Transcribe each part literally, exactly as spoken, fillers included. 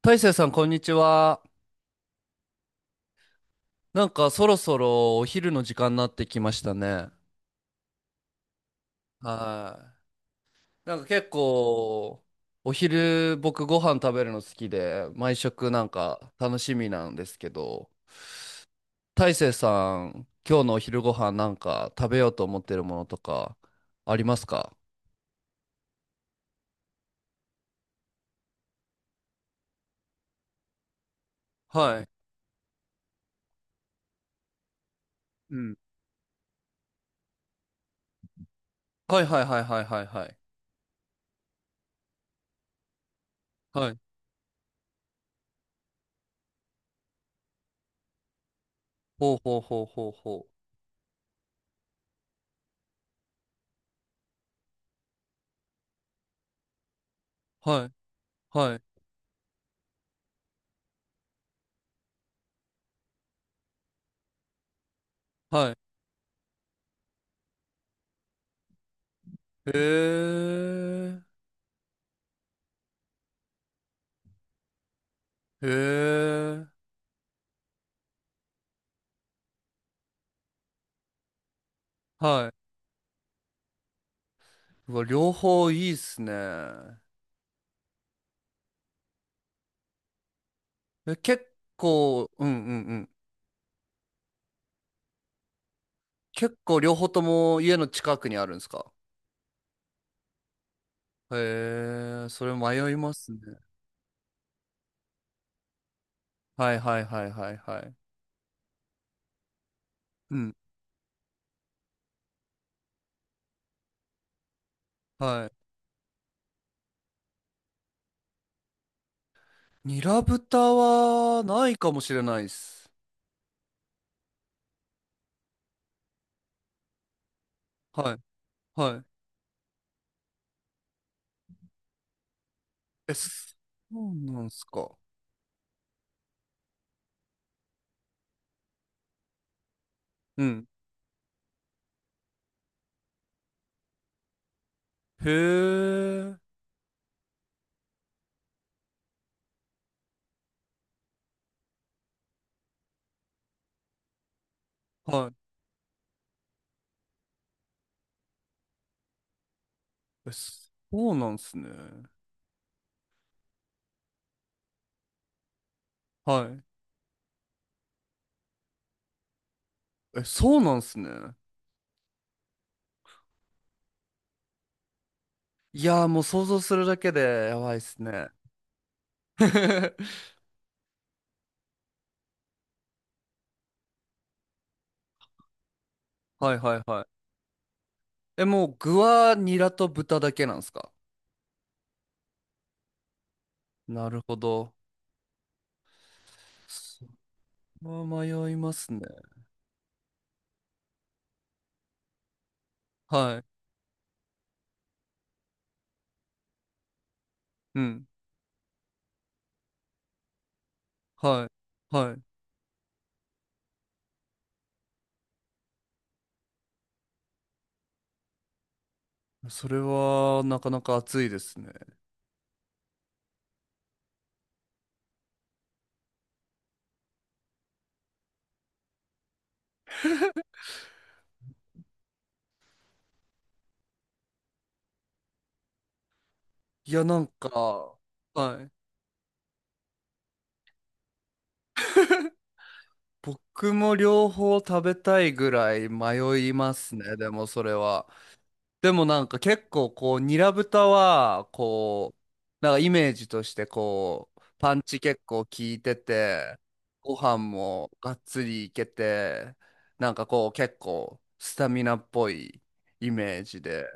大成さん、こんにちは。なんかそろそろお昼の時間になってきましたね。はい。なんか結構、お昼僕ご飯食べるの好きで、毎食なんか楽しみなんですけど、大成さん、今日のお昼ご飯なんか食べようと思ってるものとかありますか？はい。うん。はいはいはいはいはいはい。はい。ほうほうほうほうほう。はい。はい。はい。へえ。へえ。はい。うわ、両方いいっすね。え、結構、うんうんうん。結構両方とも家の近くにあるんですか？へえ、それ迷いますね。はいはいはいはいはい。うん。はい。ニラ豚はないかもしれないっす。はいはい。え、そうなんすか。うん。へえ、はい。え、そうなんすね。はい。え、そうなんすね。いやーもう想像するだけでやばいっすね。はいはいはい。え、もう具はニラと豚だけなんですか？なるほど。それは迷いますね。はい。うん。はい。はい。それはなかなか熱いですね。いや、なんか、はい。僕も両方食べたいぐらい迷いますね。でもそれは。でもなんか結構こう、ニラ豚は、こう、なんかイメージとしてこう、パンチ結構効いてて、ご飯もがっつりいけて、なんかこう結構スタミナっぽいイメージで、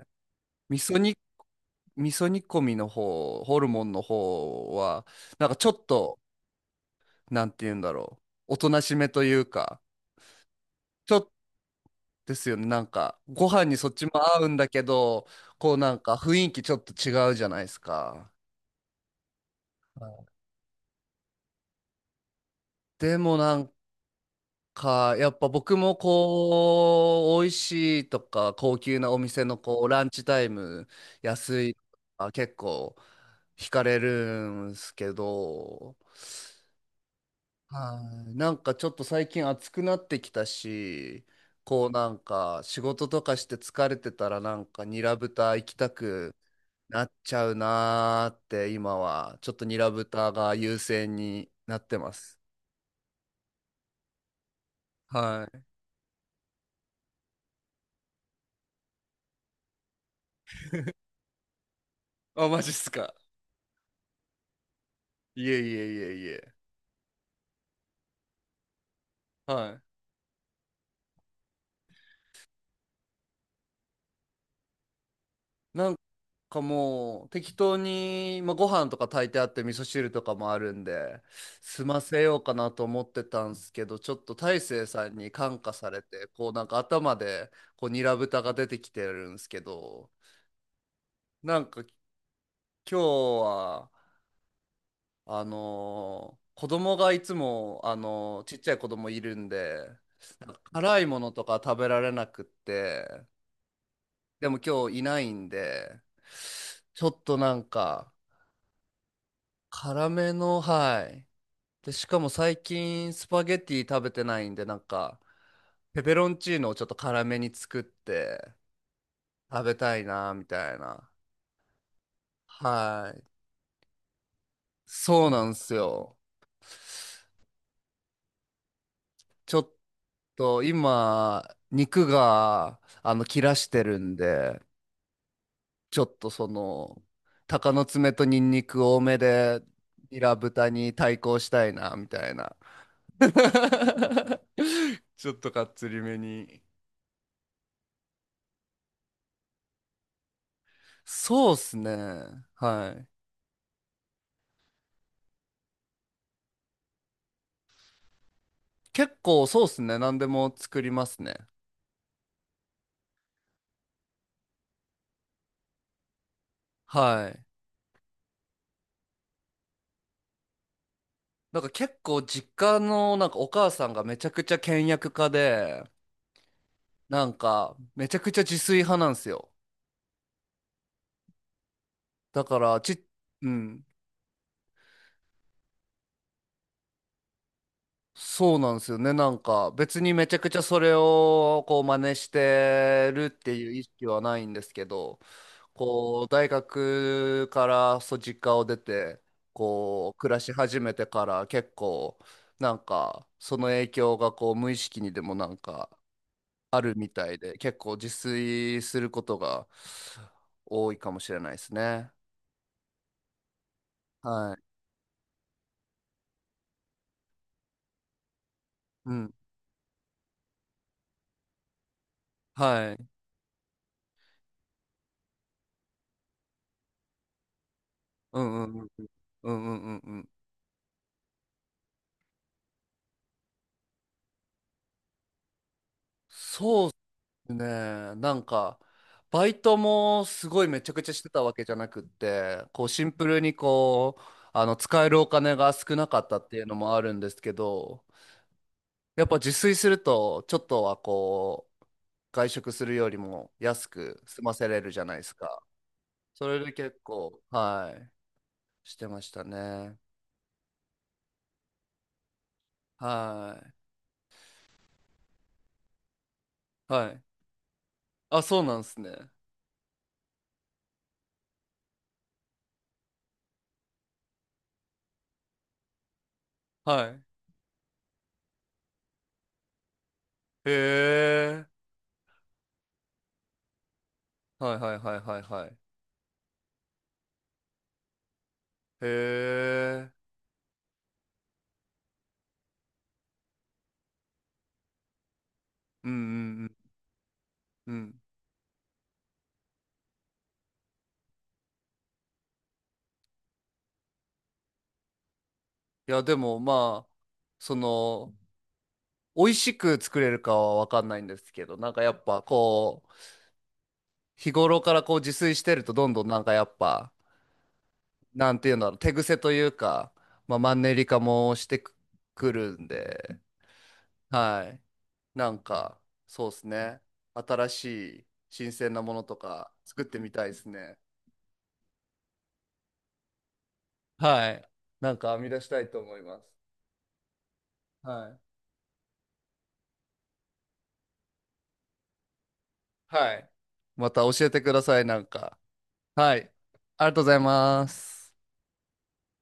味噌煮、味噌煮込みの方、ホルモンの方は、なんかちょっと、なんて言うんだろう、おとなしめというか、ちょっとですよね、なんかご飯にそっちも合うんだけど、こうなんか雰囲気ちょっと違うじゃないですか。でもなんか、やっぱ僕もこう、美味しいとか、高級なお店のこう、ランチタイム、安いとか、結構、惹かれるんすけど、はい、なんかちょっと最近暑くなってきたし、こうなんか、仕事とかして疲れてたら、なんか、ニラ豚行きたくなっちゃうなーって、今は、ちょっとニラ豚が優先になってます。はい。あ、マジっすか。いえいえいえいえ。はい。なんかもう適当に、まあ、ご飯とか炊いてあって味噌汁とかもあるんで、済ませようかなと思ってたんですけど、ちょっと大成さんに感化されて、こうなんか頭でこうニラ豚が出てきてるんですけど、なんか今日は、あのー子供がいつも、あのーちっちゃい子供いるんで、なんか辛いものとか食べられなくって、でも今日いないんで、ちょっとなんか、辛めの、はい。で、しかも最近スパゲティ食べてないんで、なんか、ペペロンチーノをちょっと辛めに作って食べたいな、みたいな。はい。そうなんですよ。ちょっと今、肉が、あの、切らしてるんで、ちょっとその、鷹の爪とニンニク多めで、ニラ豚に対抗したいな、みたいな。ちょっとかっつりめに。そうっすね。はい。結構そうっすね。何でも作りますね。はい。なんか結構実家のなんかお母さんがめちゃくちゃ倹約家で、なんかめちゃくちゃ自炊派なんですよ。だからち、うん。そうなんですよね。なんか別にめちゃくちゃそれをこう真似してるっていう意識はないんですけど、こう、大学からそう実家を出て、こう、暮らし始めてから結構、なんか、その影響がこう、無意識にでもなんか、あるみたいで、結構自炊することが多いかもしれないですね。はい。うん。はい。うんうんうんうん。うんうんうんうん。そうねえ、なんか、バイトもすごいめちゃくちゃしてたわけじゃなくって、こうシンプルにこう、あの、使えるお金が少なかったっていうのもあるんですけど、やっぱ自炊すると、ちょっとはこう、外食するよりも安く済ませれるじゃないですか。それで結構、はい、してましたね。はい。はい。あ、そうなんですね。はい。へえ。はいはいはいはいはい。へえ。うんうんうんうん。いや、でもまあ、その、美味しく作れるかはわかんないんですけど、なんかやっぱこう、日頃からこう自炊してるとどんどんなんかやっぱ、なんていうんだろう、手癖というか、まあマンネリ化もしてく、くるんで、はい。なんか、そうですね。新しい新鮮なものとか作ってみたいですね。はい。なんか編み出したいと思います。はい。はい。また教えてください、なんか。はい。ありがとうございます。